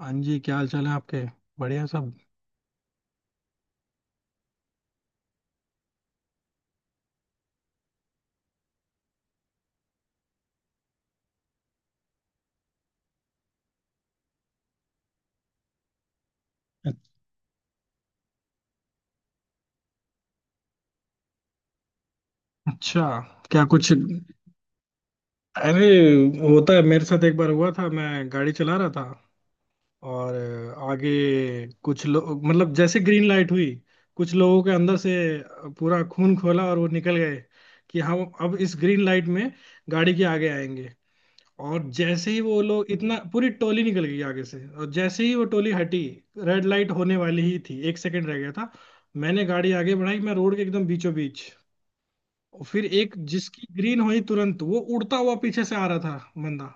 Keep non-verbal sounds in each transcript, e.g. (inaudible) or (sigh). हाँ जी, क्या हाल चाल है आपके? बढ़िया सब। अच्छ- अच्छा। क्या कुछ, अरे, होता है। मेरे साथ एक बार हुआ था। मैं गाड़ी चला रहा था और आगे कुछ लोग, मतलब जैसे ग्रीन लाइट हुई, कुछ लोगों के अंदर से पूरा खून खोला और वो निकल गए कि हम अब इस ग्रीन लाइट में गाड़ी के आगे आएंगे। और जैसे ही वो लोग, इतना पूरी टोली निकल गई आगे से, और जैसे ही वो टोली हटी, रेड लाइट होने वाली ही थी, 1 सेकंड रह गया था। मैंने गाड़ी आगे बढ़ाई, मैं रोड के एकदम बीचों बीच। और फिर एक जिसकी ग्रीन हुई, तुरंत वो उड़ता हुआ पीछे से आ रहा था, बंदा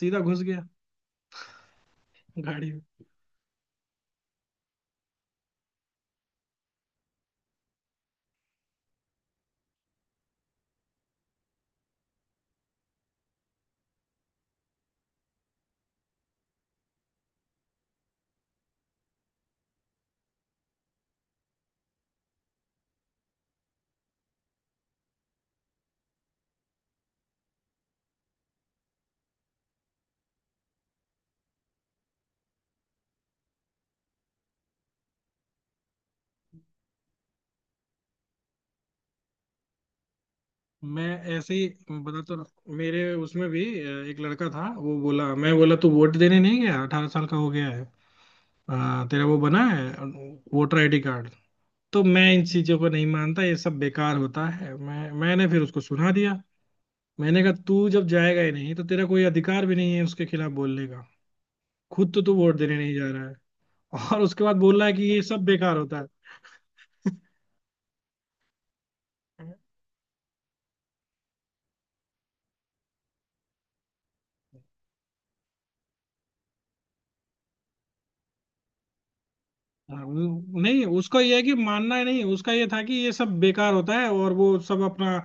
सीधा घुस गया गाड़ी में। मैं ऐसे ही बताता रहा। मेरे उसमें भी एक लड़का था। वो बोला, मैं बोला, तू वोट देने नहीं गया, 18 साल का हो गया है, तेरा वो बना है, वोटर आईडी कार्ड। तो मैं इन चीजों को नहीं मानता, ये सब बेकार होता है। मैंने फिर उसको सुना दिया। मैंने कहा तू जब जाएगा ही नहीं तो तेरा कोई अधिकार भी नहीं है उसके खिलाफ बोलने का। खुद तो तू वोट देने नहीं जा रहा है और उसके बाद बोल रहा है कि ये सब बेकार होता है। हाँ, नहीं, उसका ये है कि मानना है, नहीं उसका ये था कि ये सब बेकार होता है और वो सब अपना।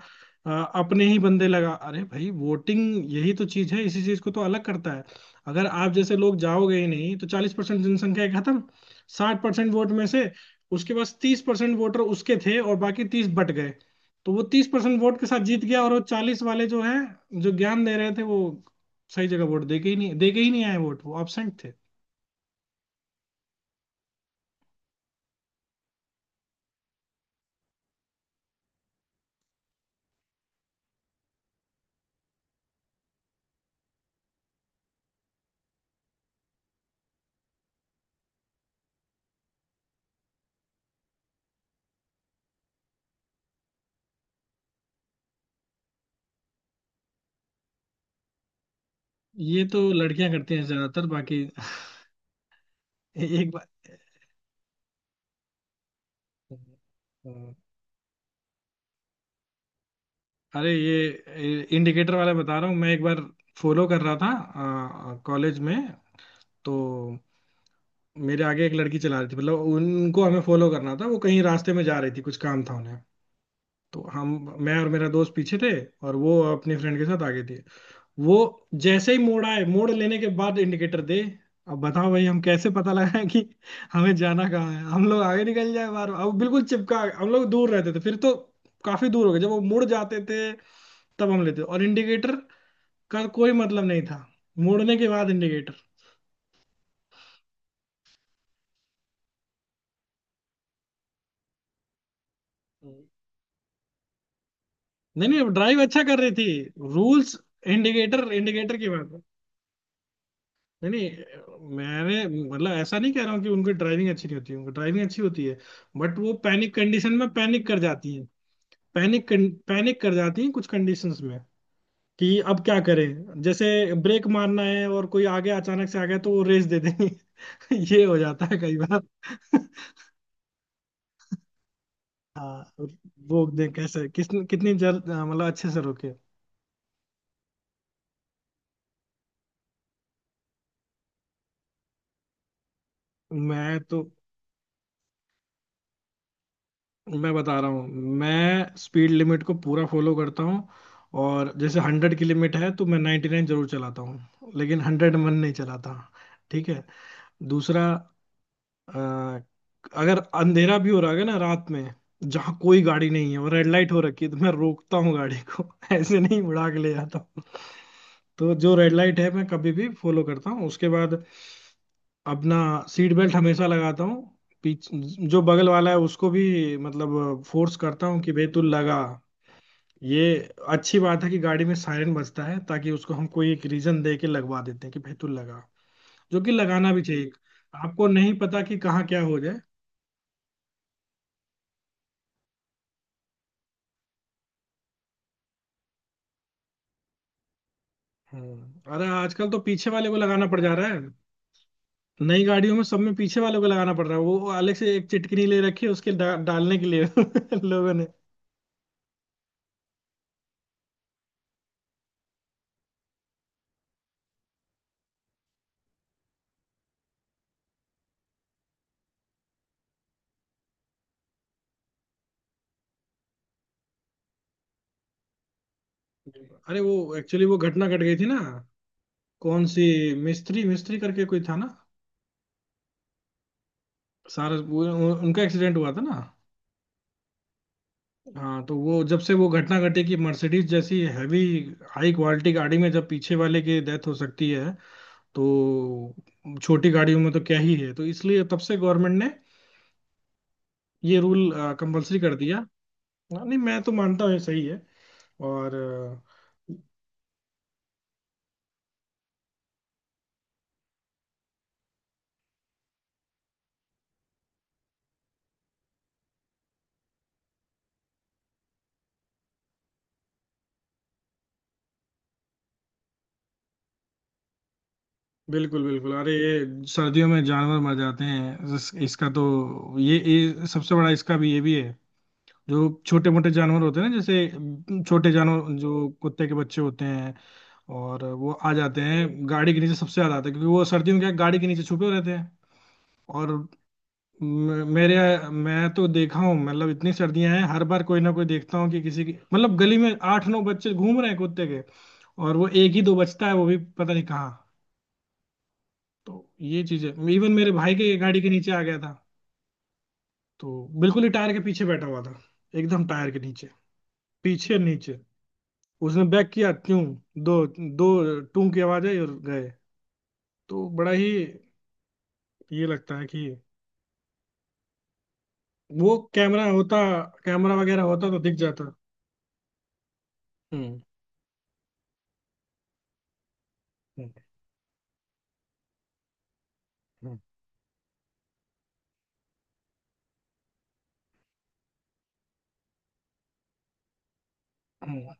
अ, अपने ही बंदे लगा, अरे भाई, वोटिंग यही तो चीज है, इसी चीज को तो अलग करता है। अगर आप जैसे लोग जाओगे ही नहीं, तो 40% जनसंख्या है खत्म। 60% वोट में से उसके पास 30% वोटर उसके थे और बाकी 30 बट गए। तो वो 30% वोट के साथ जीत गया, और वो 40 वाले जो है, जो ज्ञान दे रहे थे, वो सही जगह वोट दे के ही नहीं, दे के ही नहीं आए वोट, वो एबसेंट थे। ये तो लड़कियां करती हैं ज्यादातर। बाकी एक बार। हाँ। अरे ये इंडिकेटर वाला बता रहा हूँ। मैं एक बार फॉलो कर रहा था कॉलेज में। तो मेरे आगे एक लड़की चला रही थी, मतलब उनको हमें फॉलो करना था। वो कहीं रास्ते में जा रही थी, कुछ काम था उन्हें। तो हम, मैं और मेरा दोस्त, पीछे थे, और वो अपने फ्रेंड के साथ आगे थी। वो जैसे ही मोड़ आए, मोड़ लेने के बाद इंडिकेटर दे। अब बताओ भाई, हम कैसे पता लगाएं कि हमें जाना कहाँ है? हम लोग आगे निकल जाए बार, अब बिल्कुल चिपका, हम लोग दूर रहते थे फिर तो। काफी दूर हो गए, जब वो मुड़ जाते थे तब हम लेते। और इंडिकेटर का कोई मतलब नहीं था मोड़ने के बाद इंडिकेटर। हम्म। नहीं नहीं, ड्राइव अच्छा कर रही थी। रूल्स, इंडिकेटर इंडिकेटर की बात है। नहीं नहीं, मैंने मतलब ऐसा नहीं कह रहा हूँ कि उनकी ड्राइविंग अच्छी नहीं होती, उनकी ड्राइविंग अच्छी होती है। बट वो पैनिक कंडीशन में पैनिक कर जाती है। पैनिक पैनिक कर जाती हैं कुछ कंडीशंस में, कि अब क्या करें, जैसे ब्रेक मारना है और कोई आगे अचानक से आ गया तो वो रेस दे देंगे। (laughs) ये हो जाता है कई बार। (laughs) हाँ। रोक दें कैसे, किस कितनी जल, मतलब अच्छे से रोके। मैं तो मैं बता रहा हूँ, मैं स्पीड लिमिट को पूरा फॉलो करता हूँ। और जैसे 100 की लिमिट है तो मैं 99 जरूर चलाता हूँ, लेकिन 100 मन नहीं चलाता। ठीक है। दूसरा, अ, अगर अंधेरा भी हो रहा है ना रात में, जहाँ कोई गाड़ी नहीं है और रेड लाइट हो रखी है, तो मैं रोकता हूँ गाड़ी को। (laughs) ऐसे नहीं उड़ा के ले जाता हूँ। तो जो रेड लाइट है मैं कभी भी फॉलो करता हूँ। उसके बाद अपना सीट बेल्ट हमेशा लगाता हूँ। पीछ जो बगल वाला है उसको भी मतलब फोर्स करता हूँ कि भाई तू लगा ये। अच्छी बात है कि गाड़ी में सायरन बजता है, ताकि उसको हम कोई एक रीजन दे के लगवा देते हैं कि भाई तू लगा, जो कि लगाना भी चाहिए। आपको नहीं पता कि कहाँ क्या हो जाए। अरे आजकल तो पीछे वाले को लगाना पड़ जा रहा है। नई गाड़ियों में, सब में, पीछे वाले को लगाना पड़ रहा है। वो अलग से एक चिटकिनी ले रखी है उसके डालने के लिए। (laughs) लोगों ने। अरे, वो एक्चुअली वो घटना घट गई थी ना? कौन सी? मिस्त्री मिस्त्री करके कोई था ना? सारा उनका एक्सीडेंट हुआ था ना? हाँ, तो वो जब से वो घटना घटी कि मर्सिडीज जैसी हैवी, हाई क्वालिटी गाड़ी में जब पीछे वाले की डेथ हो सकती है, तो छोटी गाड़ियों में तो क्या ही है। तो इसलिए तब से गवर्नमेंट ने ये रूल कंपलसरी कर दिया। हाँ, नहीं मैं तो मानता हूँ ये सही है। और बिल्कुल बिल्कुल, अरे, ये सर्दियों में जानवर मर जाते हैं। इसका तो ये सबसे बड़ा, इसका भी ये भी है। जो छोटे मोटे जानवर होते हैं ना, जैसे छोटे जानवर जो कुत्ते के बच्चे होते हैं, और वो आ जाते हैं गाड़ी के नीचे। सबसे ज्यादा आते हैं, क्योंकि वो सर्दियों में क्या है, गाड़ी के नीचे छुपे रहते हैं। और म- मेरे मैं तो देखा हूँ, मतलब इतनी सर्दियां हैं, हर बार कोई ना कोई देखता हूँ कि किसी की मतलब गली में आठ नौ बच्चे घूम रहे हैं कुत्ते के, और वो एक ही दो बचता है, वो भी पता नहीं कहाँ। तो ये चीज है। इवन मेरे भाई के गाड़ी के नीचे आ गया था। तो बिल्कुल ही टायर के पीछे बैठा हुआ था, एकदम टायर के नीचे, पीछे नीचे। उसने बैक किया क्यों, दो दो टूं की आवाज आई और गए। तो बड़ा ही ये लगता है कि वो कैमरा होता, कैमरा वगैरह होता तो दिख जाता। हम्म। हम्म। हम्म।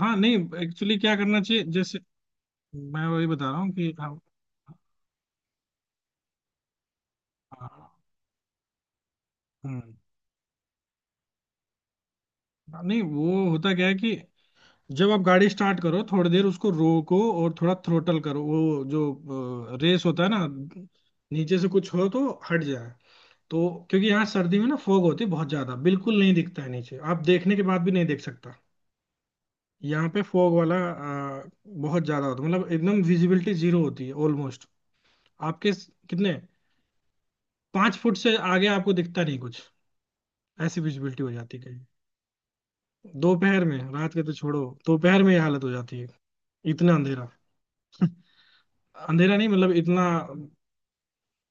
हाँ नहीं। एक्चुअली क्या करना चाहिए, जैसे मैं वही बता रहा हूँ कि हम। हाँ, हम्म। नहीं, वो होता क्या है कि जब आप गाड़ी स्टार्ट करो, थोड़ी देर उसको रोको और थोड़ा थ्रोटल करो, वो जो रेस होता है ना, नीचे से कुछ हो तो हट जाए। तो क्योंकि यहाँ सर्दी में ना फोग होती है बहुत ज्यादा, बिल्कुल नहीं दिखता है नीचे, आप देखने के बाद भी नहीं देख सकता। यहाँ पे फोग वाला बहुत ज्यादा होता है, मतलब एकदम विजिबिलिटी 0 होती है ऑलमोस्ट। आपके कितने, 5 फुट से आगे आपको दिखता नहीं कुछ। ऐसी विजिबिलिटी हो जाती है कहीं दोपहर में, रात के तो छोड़ो, दोपहर में ये हालत हो जाती है। इतना अंधेरा, अंधेरा नहीं मतलब इतना।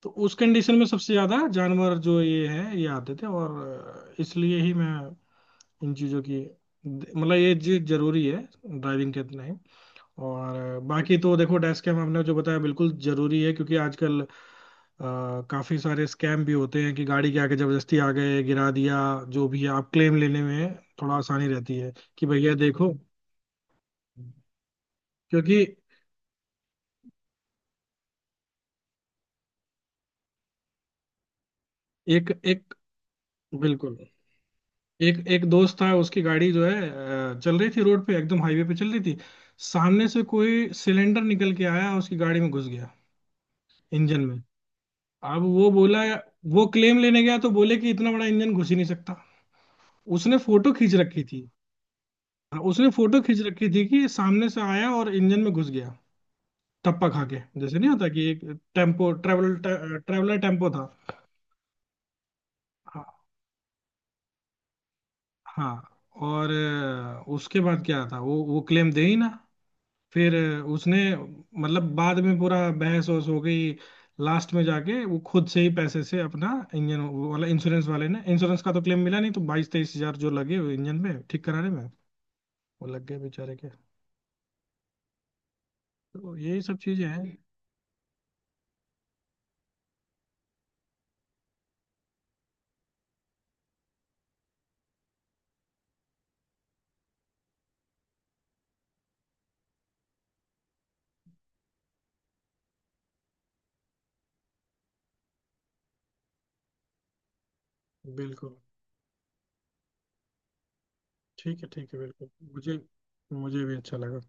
तो उस कंडीशन में सबसे ज्यादा जानवर जो ये है ये आते थे, और इसलिए ही मैं इन चीजों की, मतलब ये चीज जरूरी है ड्राइविंग के, इतना ही। और बाकी तो देखो, डेस्क कैम हमने जो बताया, बिल्कुल जरूरी है क्योंकि आजकल काफी सारे स्कैम भी होते हैं कि गाड़ी के आगे जबरदस्ती आ गए, गिरा दिया, जो भी है, आप क्लेम लेने में थोड़ा आसानी रहती है, कि भैया देखो। क्योंकि एक एक बिल्कुल, एक एक दोस्त था, उसकी गाड़ी जो है चल रही थी रोड पे, एकदम हाईवे पे चल रही थी। सामने से कोई सिलेंडर निकल के आया, उसकी गाड़ी में घुस गया, इंजन में। अब वो बोला, वो क्लेम लेने गया तो बोले कि इतना बड़ा इंजन घुस ही नहीं सकता। उसने फोटो खींच रखी थी। हाँ, उसने फोटो खींच रखी थी कि सामने से आया और इंजन में घुस गया। टप्पा खा के, जैसे नहीं होता कि एक टेम्पो ट्रेवलर टेम्पो था। हाँ, हाँ, और उसके बाद क्या था, वो क्लेम दे ही ना। फिर उसने मतलब बाद में पूरा बहस वहस हो गई, लास्ट में जाके वो खुद से ही पैसे से अपना इंजन, वो वाला इंश्योरेंस वाले ने, इंश्योरेंस का तो क्लेम मिला नहीं, तो 22-23 हजार जो लगे वो इंजन में ठीक कराने में, वो लग गए बेचारे के। तो यही सब चीजें हैं। बिल्कुल। ठीक है, ठीक है, बिल्कुल। मुझे मुझे भी अच्छा लगा।